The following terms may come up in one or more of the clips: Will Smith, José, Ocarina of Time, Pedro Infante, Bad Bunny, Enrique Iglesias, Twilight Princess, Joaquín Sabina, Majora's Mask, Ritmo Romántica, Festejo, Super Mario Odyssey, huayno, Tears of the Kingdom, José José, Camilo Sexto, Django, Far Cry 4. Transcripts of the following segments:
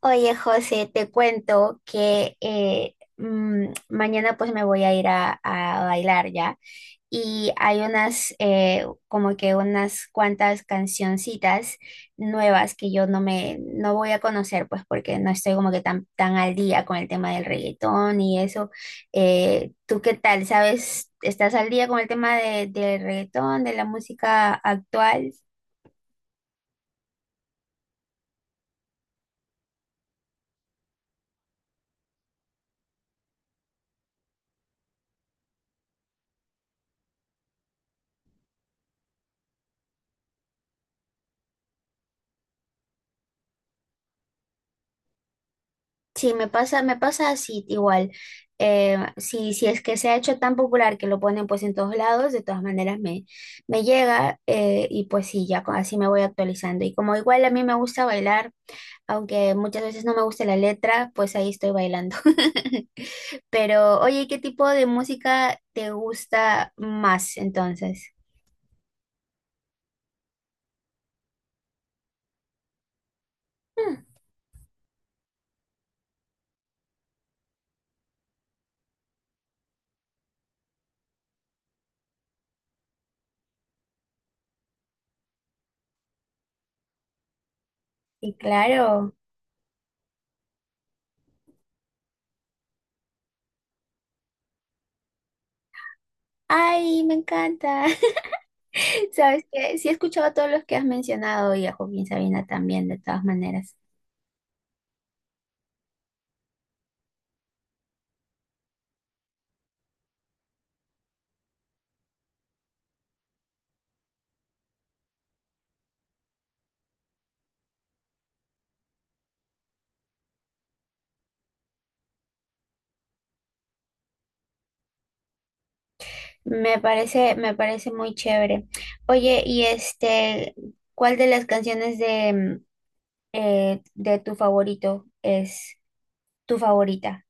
Oye, José, te cuento que mañana pues me voy a ir a bailar ya y hay unas como que unas cuantas cancioncitas nuevas que yo no voy a conocer pues porque no estoy como que tan al día con el tema del reggaetón y eso. ¿Tú qué tal? ¿Sabes? ¿Estás al día con el tema del reggaetón, de la música actual? Sí, me pasa así igual. Si, si es que se ha hecho tan popular que lo ponen pues en todos lados. De todas maneras me llega, y pues sí, ya así me voy actualizando. Y como igual a mí me gusta bailar, aunque muchas veces no me gusta la letra, pues ahí estoy bailando. Pero oye, ¿qué tipo de música te gusta más entonces? Mm. Sí, claro. Ay, me encanta. Sabes que sí he escuchado a todos los que has mencionado y a Joaquín Sabina también, de todas maneras. Me parece muy chévere. Oye, y este, ¿cuál de las canciones de tu favorito es tu favorita?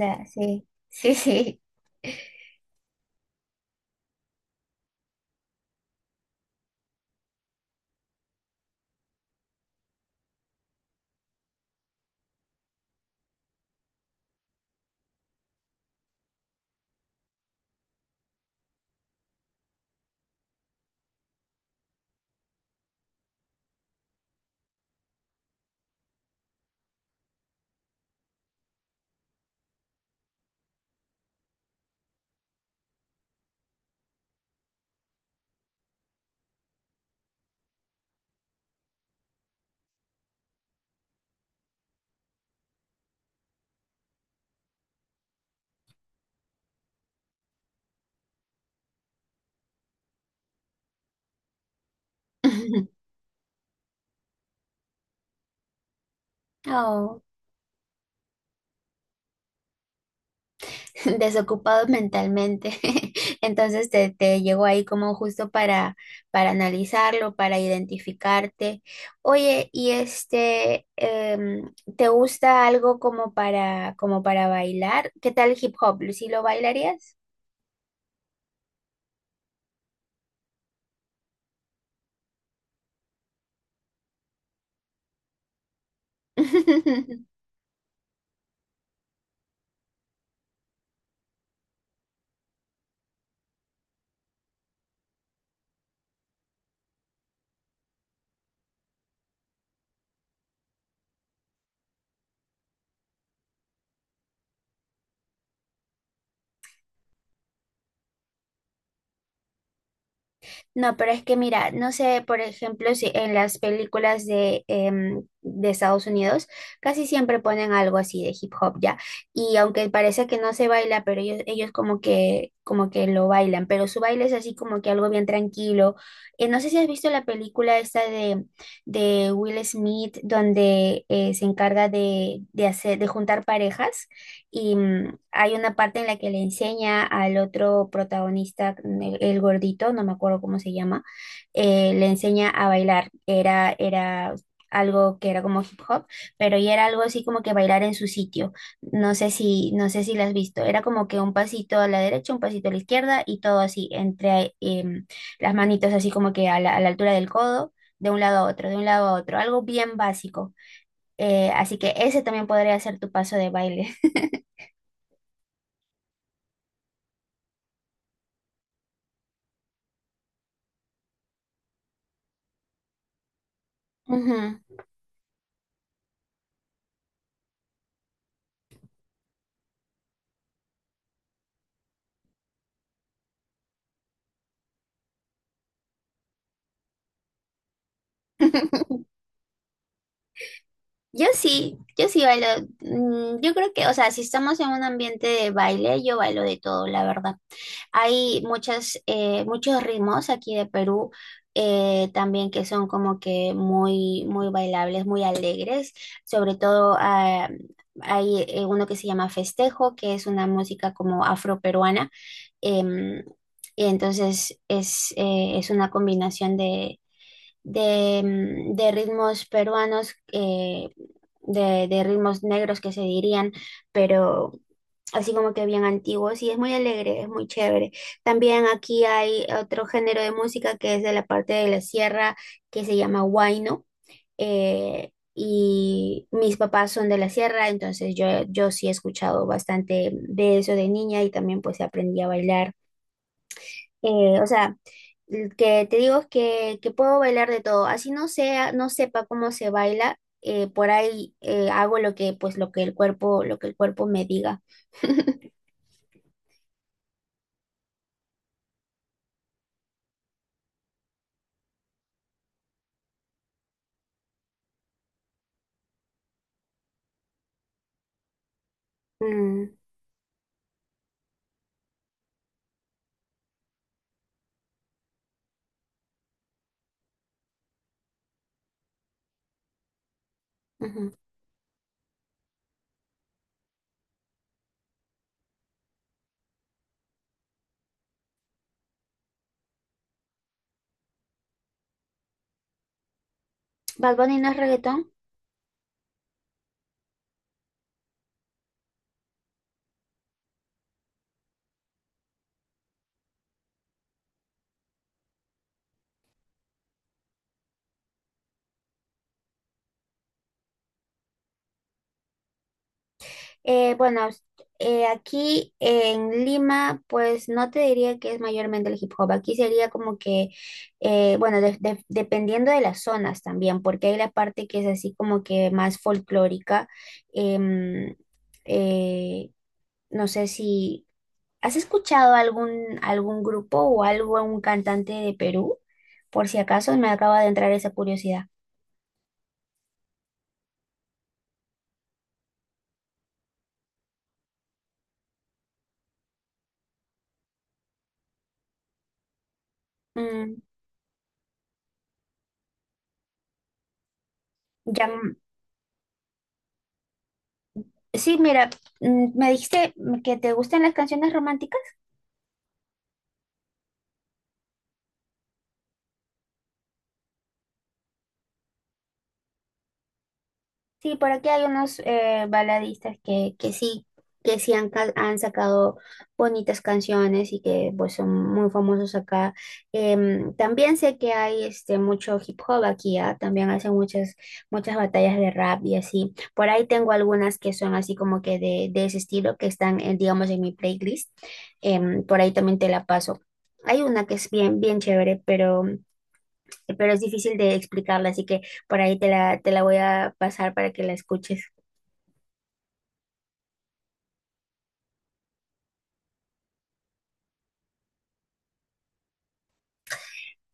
Sí, sí, sí. Oh. Desocupados mentalmente. Entonces te llegó ahí como justo para analizarlo, para identificarte. Oye, ¿y este, te gusta algo como para, como para bailar? ¿Qué tal hip hop? ¿Sí lo bailarías? No, pero es que mira, no sé, por ejemplo, si en las películas de Estados Unidos casi siempre ponen algo así de hip hop ya. Y aunque parece que no se baila, pero ellos como que lo bailan, pero su baile es así como que algo bien tranquilo. No sé si has visto la película esta de Will Smith, donde se encarga de hacer, de juntar parejas. Y hay una parte en la que le enseña al otro protagonista, mm, el gordito, no me acuerdo cómo se llama. Le enseña a bailar. Era, era algo que era como hip hop, pero ya era algo así como que bailar en su sitio. No sé si, no sé si lo has visto. Era como que un pasito a la derecha, un pasito a la izquierda y todo así, entre las manitos así como que a la altura del codo, de un lado a otro, de un lado a otro. Algo bien básico. Así que ese también podría ser tu paso de baile. Ujú. Yo sí, yo sí bailo. Mm, yo creo que, o sea, si estamos en un ambiente de baile, yo bailo de todo, la verdad. Hay muchas, muchos ritmos aquí de Perú, también, que son como que muy, muy bailables, muy alegres. Sobre todo ah, hay uno que se llama Festejo, que es una música como afroperuana. em, y entonces es una combinación de ritmos peruanos. De ritmos negros, que se dirían, pero así como que bien antiguos, y es muy alegre, es muy chévere. También aquí hay otro género de música que es de la parte de la sierra, que se llama huayno. Y mis papás son de la sierra, entonces yo sí he escuchado bastante de eso de niña, y también pues aprendí a bailar. O sea, el que te digo es que puedo bailar de todo. Así no sea, no sepa cómo se baila, por ahí hago lo que, pues, lo que el cuerpo, lo que el cuerpo me diga. Mm. Ujú. ¿Bad Bunny no es reggaetón? Bueno, aquí en Lima, pues no te diría que es mayormente el hip hop. Aquí sería como que, bueno, dependiendo de las zonas también, porque hay la parte que es así como que más folclórica. Em, eh, no sé si has escuchado algún, algún grupo o algo, un cantante de Perú, por si acaso me acaba de entrar esa curiosidad. Mm, ya, sí, mira, mm, me dijiste que te gustan las canciones románticas. Sí, por aquí hay unos baladistas que sí han, han sacado bonitas canciones y que pues son muy famosos acá. También sé que hay este mucho hip hop aquí, ¿ah? También hacen muchas, muchas batallas de rap y así. Por ahí tengo algunas que son así como que de ese estilo, que están, en, digamos, en mi playlist. Por ahí también te la paso. Hay una que es bien, bien chévere, pero es difícil de explicarla, así que por ahí te la voy a pasar para que la escuches.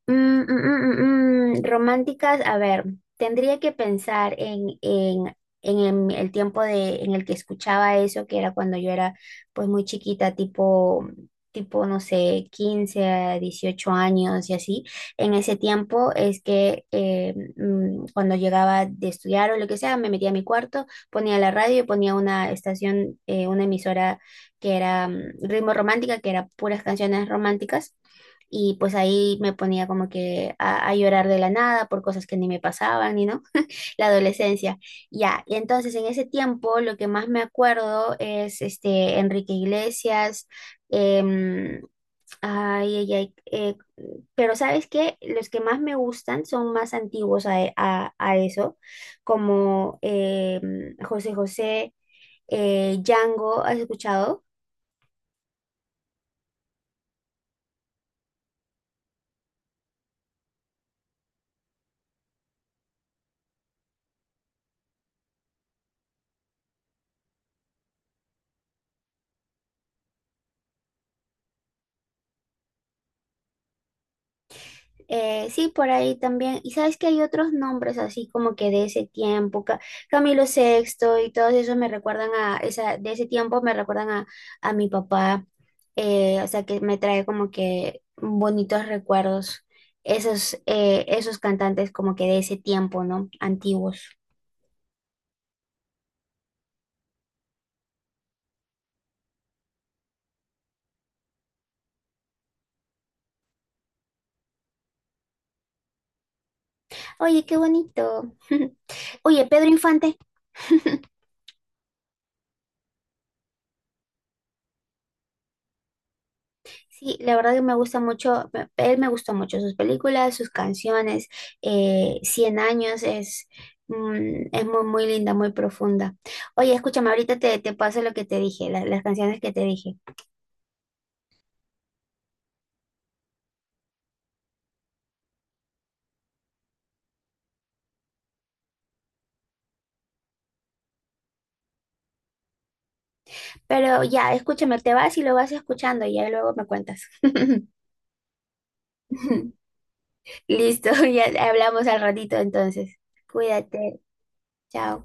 Románticas, a ver, tendría que pensar en, el tiempo de, en el que escuchaba eso, que era cuando yo era pues muy chiquita, tipo, tipo, no sé, 15 a 18 años y así. En ese tiempo es que cuando llegaba de estudiar o lo que sea, me metía a mi cuarto, ponía la radio y ponía una estación, una emisora que era mm, Ritmo Romántica, que era puras canciones románticas, y pues ahí me ponía como que a llorar de la nada por cosas que ni me pasaban, y no, la adolescencia. Ya, y entonces en ese tiempo lo que más me acuerdo es este Enrique Iglesias, em, ay, ay, ay, pero ¿sabes qué? Los que más me gustan son más antiguos a eso, como José José, Django, ¿has escuchado? Sí, por ahí también. Y sabes que hay otros nombres así como que de ese tiempo, Camilo Sexto, y todos esos me recuerdan a esa, de ese tiempo me recuerdan a mi papá. O sea que me trae como que bonitos recuerdos. Esos, esos cantantes como que de ese tiempo, ¿no? Antiguos. Oye, qué bonito. Oye, Pedro Infante. Sí, la verdad que me gusta mucho, él me gustó mucho sus películas, sus canciones, 100 años es, mm, es muy, muy linda, muy profunda. Oye, escúchame, ahorita te, te paso lo que te dije, las canciones que te dije, pero ya, escúchame, te vas y lo vas escuchando y ya luego me cuentas. Listo, ya hablamos al ratito entonces. Cuídate, chao.